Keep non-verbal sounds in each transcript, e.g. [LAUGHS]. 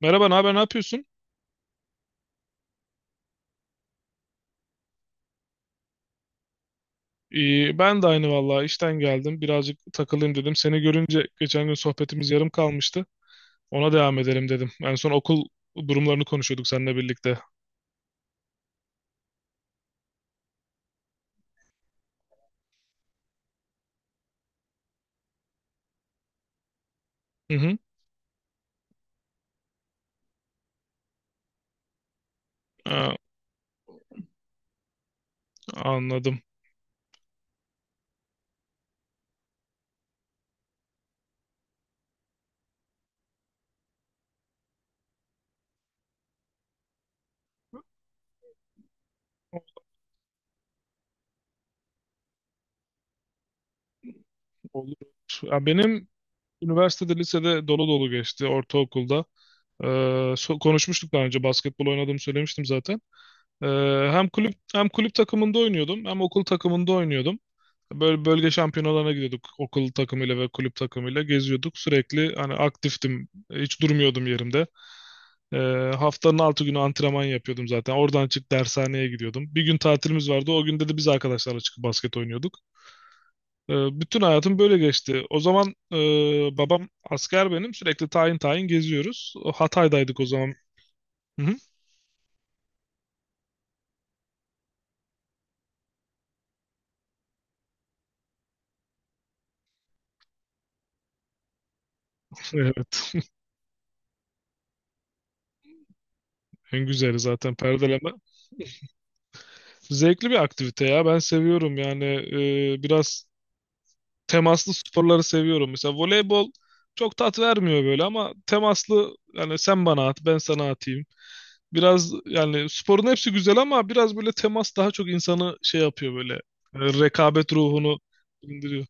Merhaba, ne haber, ne yapıyorsun? İyi, ben de aynı vallahi işten geldim. Birazcık takılayım dedim. Seni görünce geçen gün sohbetimiz yarım kalmıştı. Ona devam edelim dedim. En son okul durumlarını konuşuyorduk seninle birlikte. Hı hı. Aa, anladım. Olur. Ya benim lisede dolu dolu geçti ortaokulda. Konuşmuştuk daha önce basketbol oynadığımı söylemiştim zaten. Ee, hem kulüp takımında oynuyordum hem okul takımında oynuyordum. Böyle bölge şampiyonalarına gidiyorduk okul takımıyla ve kulüp takımıyla geziyorduk. Sürekli hani aktiftim. Hiç durmuyordum yerimde. Ee, Haftanın 6 günü antrenman yapıyordum zaten. Oradan çık dershaneye gidiyordum. Bir gün tatilimiz vardı. O günde de biz arkadaşlarla çıkıp basket oynuyorduk. Ee, Bütün hayatım böyle geçti. O zaman babam asker benim. Sürekli tayin tayin geziyoruz. O Hatay'daydık o zaman. Hı hı. Evet. [LAUGHS] En güzeli zaten perdeleme. Zevkli bir aktivite ya. Ben seviyorum yani biraz temaslı sporları seviyorum. Mesela voleybol çok tat vermiyor böyle ama temaslı yani sen bana at ben sana atayım. Biraz yani sporun hepsi güzel ama biraz böyle temas daha çok insanı şey yapıyor böyle rekabet ruhunu indiriyor.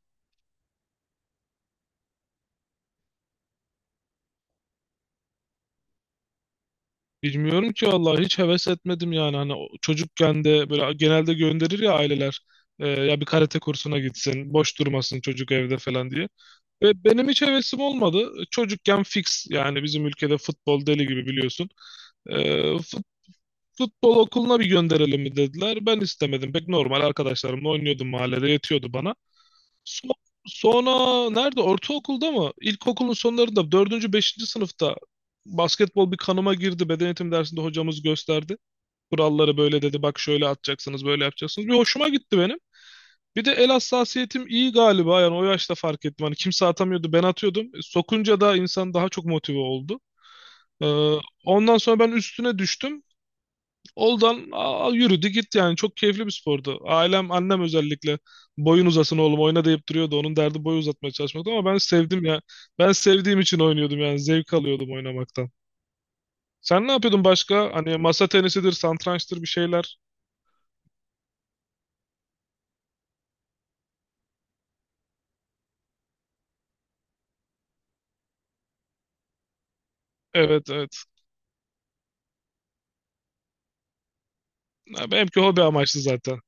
Bilmiyorum ki vallahi hiç heves etmedim yani hani çocukken de böyle genelde gönderir ya aileler ya bir karate kursuna gitsin boş durmasın çocuk evde falan diye. Ve benim hiç hevesim olmadı çocukken fix yani bizim ülkede futbol deli gibi biliyorsun. E, Futbol okuluna bir gönderelim mi dediler. Ben istemedim. Pek normal arkadaşlarımla oynuyordum mahallede yetiyordu bana. So- Sonra nerede? Ortaokulda mı? İlkokulun sonlarında dördüncü, beşinci sınıfta basketbol bir kanıma girdi. Beden eğitim dersinde hocamız gösterdi. Kuralları böyle dedi. Bak şöyle atacaksınız, böyle yapacaksınız. Bir hoşuma gitti benim. Bir de el hassasiyetim iyi galiba. Yani o yaşta fark ettim. Hani kimse atamıyordu, ben atıyordum. Sokunca da insan daha çok motive oldu. Ee, Ondan sonra ben üstüne düştüm. Oldan yürüdü gitti yani çok keyifli bir spordu. Ailem annem özellikle boyun uzasın oğlum oyna deyip duruyordu. Onun derdi boyu uzatmaya çalışmaktı ama ben sevdim ya. Ben sevdiğim için oynuyordum yani zevk alıyordum oynamaktan. Sen ne yapıyordun başka? Hani masa tenisidir, satrançtır bir şeyler. Evet, evet. Ya benimki hobi amaçlı zaten.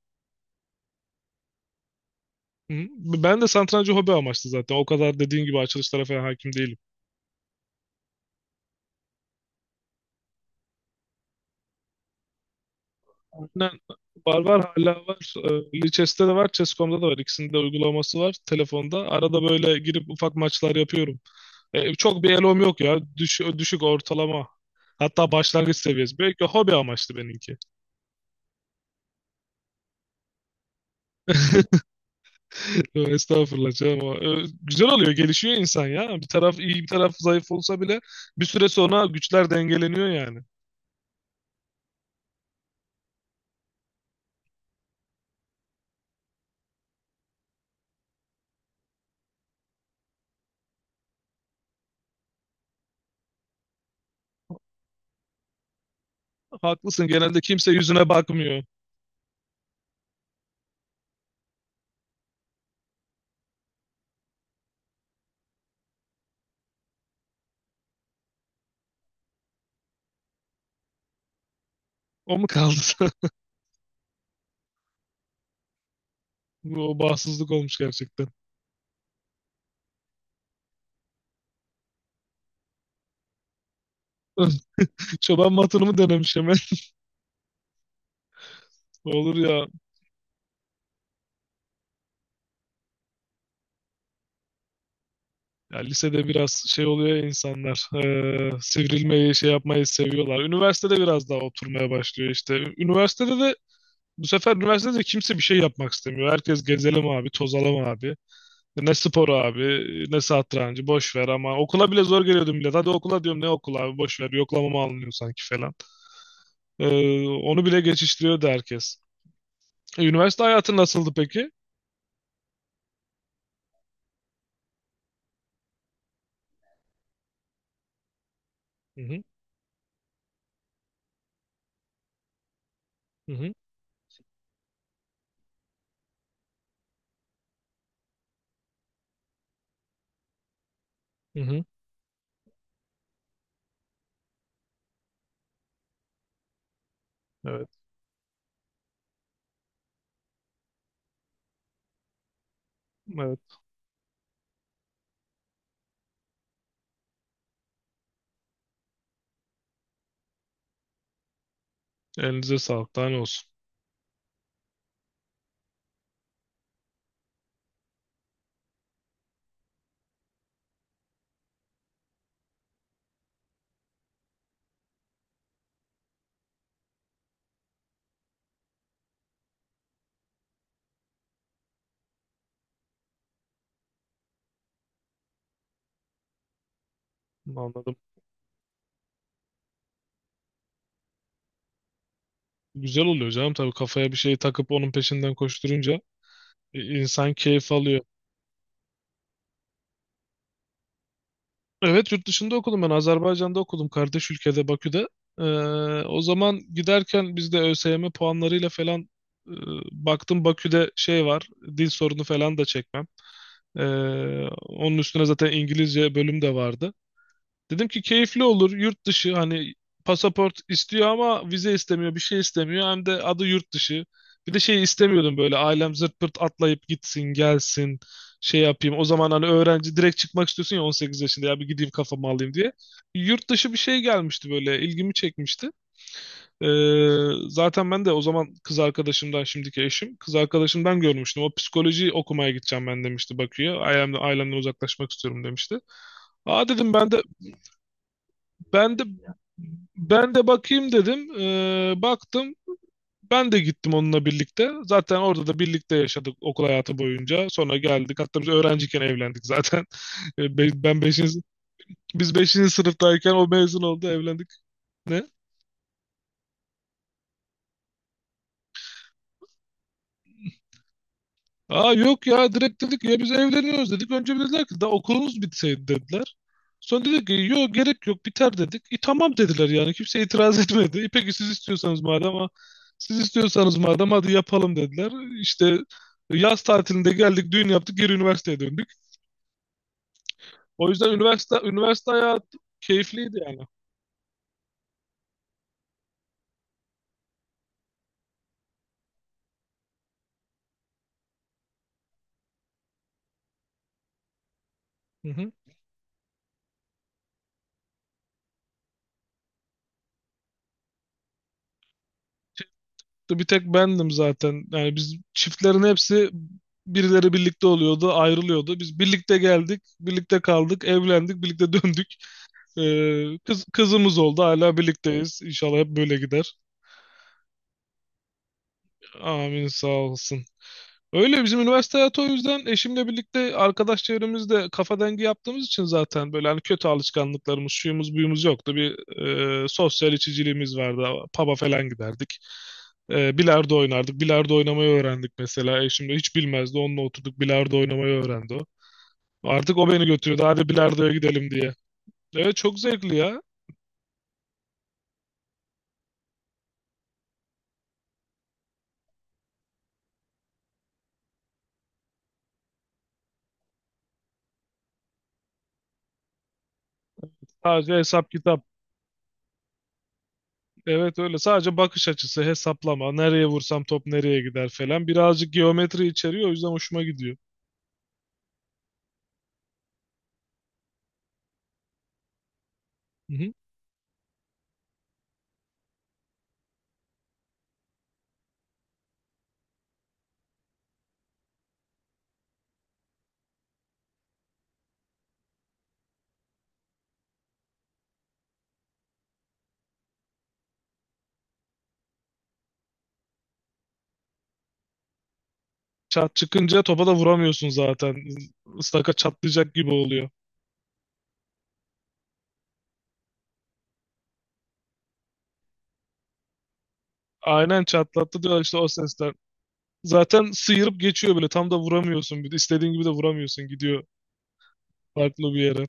Hı. Ben de satrancı hobi amaçlı zaten. O kadar dediğin gibi açılışlara falan hakim değilim. Aynen. Var, var hala var. Lichess'te de var, Chess.com'da da var. İkisinin de uygulaması var telefonda. Arada böyle girip ufak maçlar yapıyorum. Çok bir elom yok ya. Düşük ortalama. Hatta başlangıç seviyesi. Belki hobi amaçlı benimki. [LAUGHS] Estağfurullah canım. Ama, güzel oluyor, gelişiyor insan ya. Bir taraf iyi, bir taraf zayıf olsa bile bir süre sonra güçler dengeleniyor yani. Haklısın, genelde kimse yüzüne bakmıyor. O mu kaldı? [LAUGHS] O bağımsızlık olmuş gerçekten. [LAUGHS] Çoban matonumu denemiş. Olur ya. Ya lisede biraz şey oluyor ya insanlar. Sivrilmeyi, şey yapmayı seviyorlar. Üniversitede biraz daha oturmaya başlıyor işte. Üniversitede de bu sefer üniversitede de kimse bir şey yapmak istemiyor. Herkes gezelim abi, tozalım abi. Ne spor abi, ne satrancı, boş ver ama okula bile zor geliyordum bile. Hadi okula diyorum ne okula abi, boş ver. Yoklamamı alınıyor sanki falan. E, Onu bile geçiştiriyordu herkes. Üniversite hayatı nasıldı peki? Hı hı, hı hı, hı hı. Evet, evet. Elinize sağlık. Daha ne olsun. Anladım. Güzel oluyor canım tabii kafaya bir şey takıp onun peşinden koşturunca insan keyif alıyor. Evet, yurt dışında okudum, ben Azerbaycan'da okudum, kardeş ülkede Bakü'de. Ee, O zaman giderken biz de ÖSYM puanlarıyla falan e, baktım Bakü'de şey var, dil sorunu falan da çekmem. Ee, Onun üstüne zaten İngilizce bölüm de vardı. Dedim ki keyifli olur yurt dışı, hani pasaport istiyor ama vize istemiyor, bir şey istemiyor hem de adı yurt dışı. Bir de şey istemiyordum böyle, ailem zırt pırt atlayıp gitsin gelsin şey yapayım. O zaman hani öğrenci direkt çıkmak istiyorsun ya, 18 yaşında, ya bir gideyim kafamı alayım diye. Yurt dışı bir şey gelmişti böyle, ilgimi çekmişti. Zaten ben de o zaman kız arkadaşımdan, şimdiki eşim kız arkadaşımdan görmüştüm. O psikoloji okumaya gideceğim ben, demişti Bakü'ye. Ailemden uzaklaşmak istiyorum demişti. Aa dedim, ben de ben de bakayım dedim. Baktım. Ben de gittim onunla birlikte. Zaten orada da birlikte yaşadık okul hayatı boyunca. Sonra geldik. Hatta biz öğrenciyken evlendik zaten. [LAUGHS] Ee, be- Ben beşinci, biz beşinci sınıftayken o mezun oldu, evlendik. Ne? Aa yok ya, direkt dedik ya biz evleniyoruz dedik. Önce bir dediler ki daha okulunuz bitseydi dediler. Sonra dedik ki yok, gerek yok, biter dedik. E tamam dediler, yani kimse itiraz [LAUGHS] etmedi. E peki siz istiyorsanız madem hadi yapalım dediler. İşte yaz tatilinde geldik, düğün yaptık, geri üniversiteye döndük. O yüzden üniversite hayatı keyifliydi yani. Hı hı. Bir tek bendim zaten. Yani biz, çiftlerin hepsi birileri birlikte oluyordu, ayrılıyordu. Biz birlikte geldik, birlikte kaldık, evlendik, birlikte [LAUGHS] döndük. Kızımız oldu, hala birlikteyiz. İnşallah hep böyle gider. Amin, sağ olsun. Öyle bizim üniversite hayatı, o yüzden eşimle birlikte arkadaş çevremizde kafa dengi yaptığımız için zaten böyle hani kötü alışkanlıklarımız, şuyumuz, buyumuz yoktu. Bir sosyal içiciliğimiz vardı. Pub'a falan giderdik. Bilardo oynardık. Bilardo oynamayı öğrendik mesela. Eşim de hiç bilmezdi. Onunla oturduk, bilardo oynamayı öğrendi o. Artık o beni götürüyordu. Hadi bilardoya gidelim diye. Evet, çok zevkli ya. Sadece hesap kitap. Evet öyle. Sadece bakış açısı, hesaplama. Nereye vursam top nereye gider falan. Birazcık geometri içeriyor. O yüzden hoşuma gidiyor. Çat çıkınca topa da vuramıyorsun zaten. Istaka çatlayacak gibi oluyor. Aynen, çatlattı diyorlar işte o sesler. Zaten sıyırıp geçiyor böyle, tam da vuramıyorsun. Bir de istediğin gibi de vuramıyorsun, gidiyor farklı bir yere.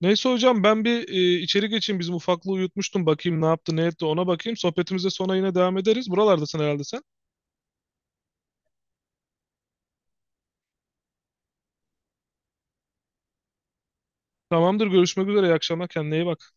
Neyse hocam, ben bir içeri geçeyim. Bizim ufaklığı uyutmuştum. Bakayım ne yaptı ne etti, ona bakayım. Sohbetimize sonra yine devam ederiz. Buralardasın herhalde sen. Tamamdır, görüşmek üzere. İyi akşamlar, kendine iyi bak.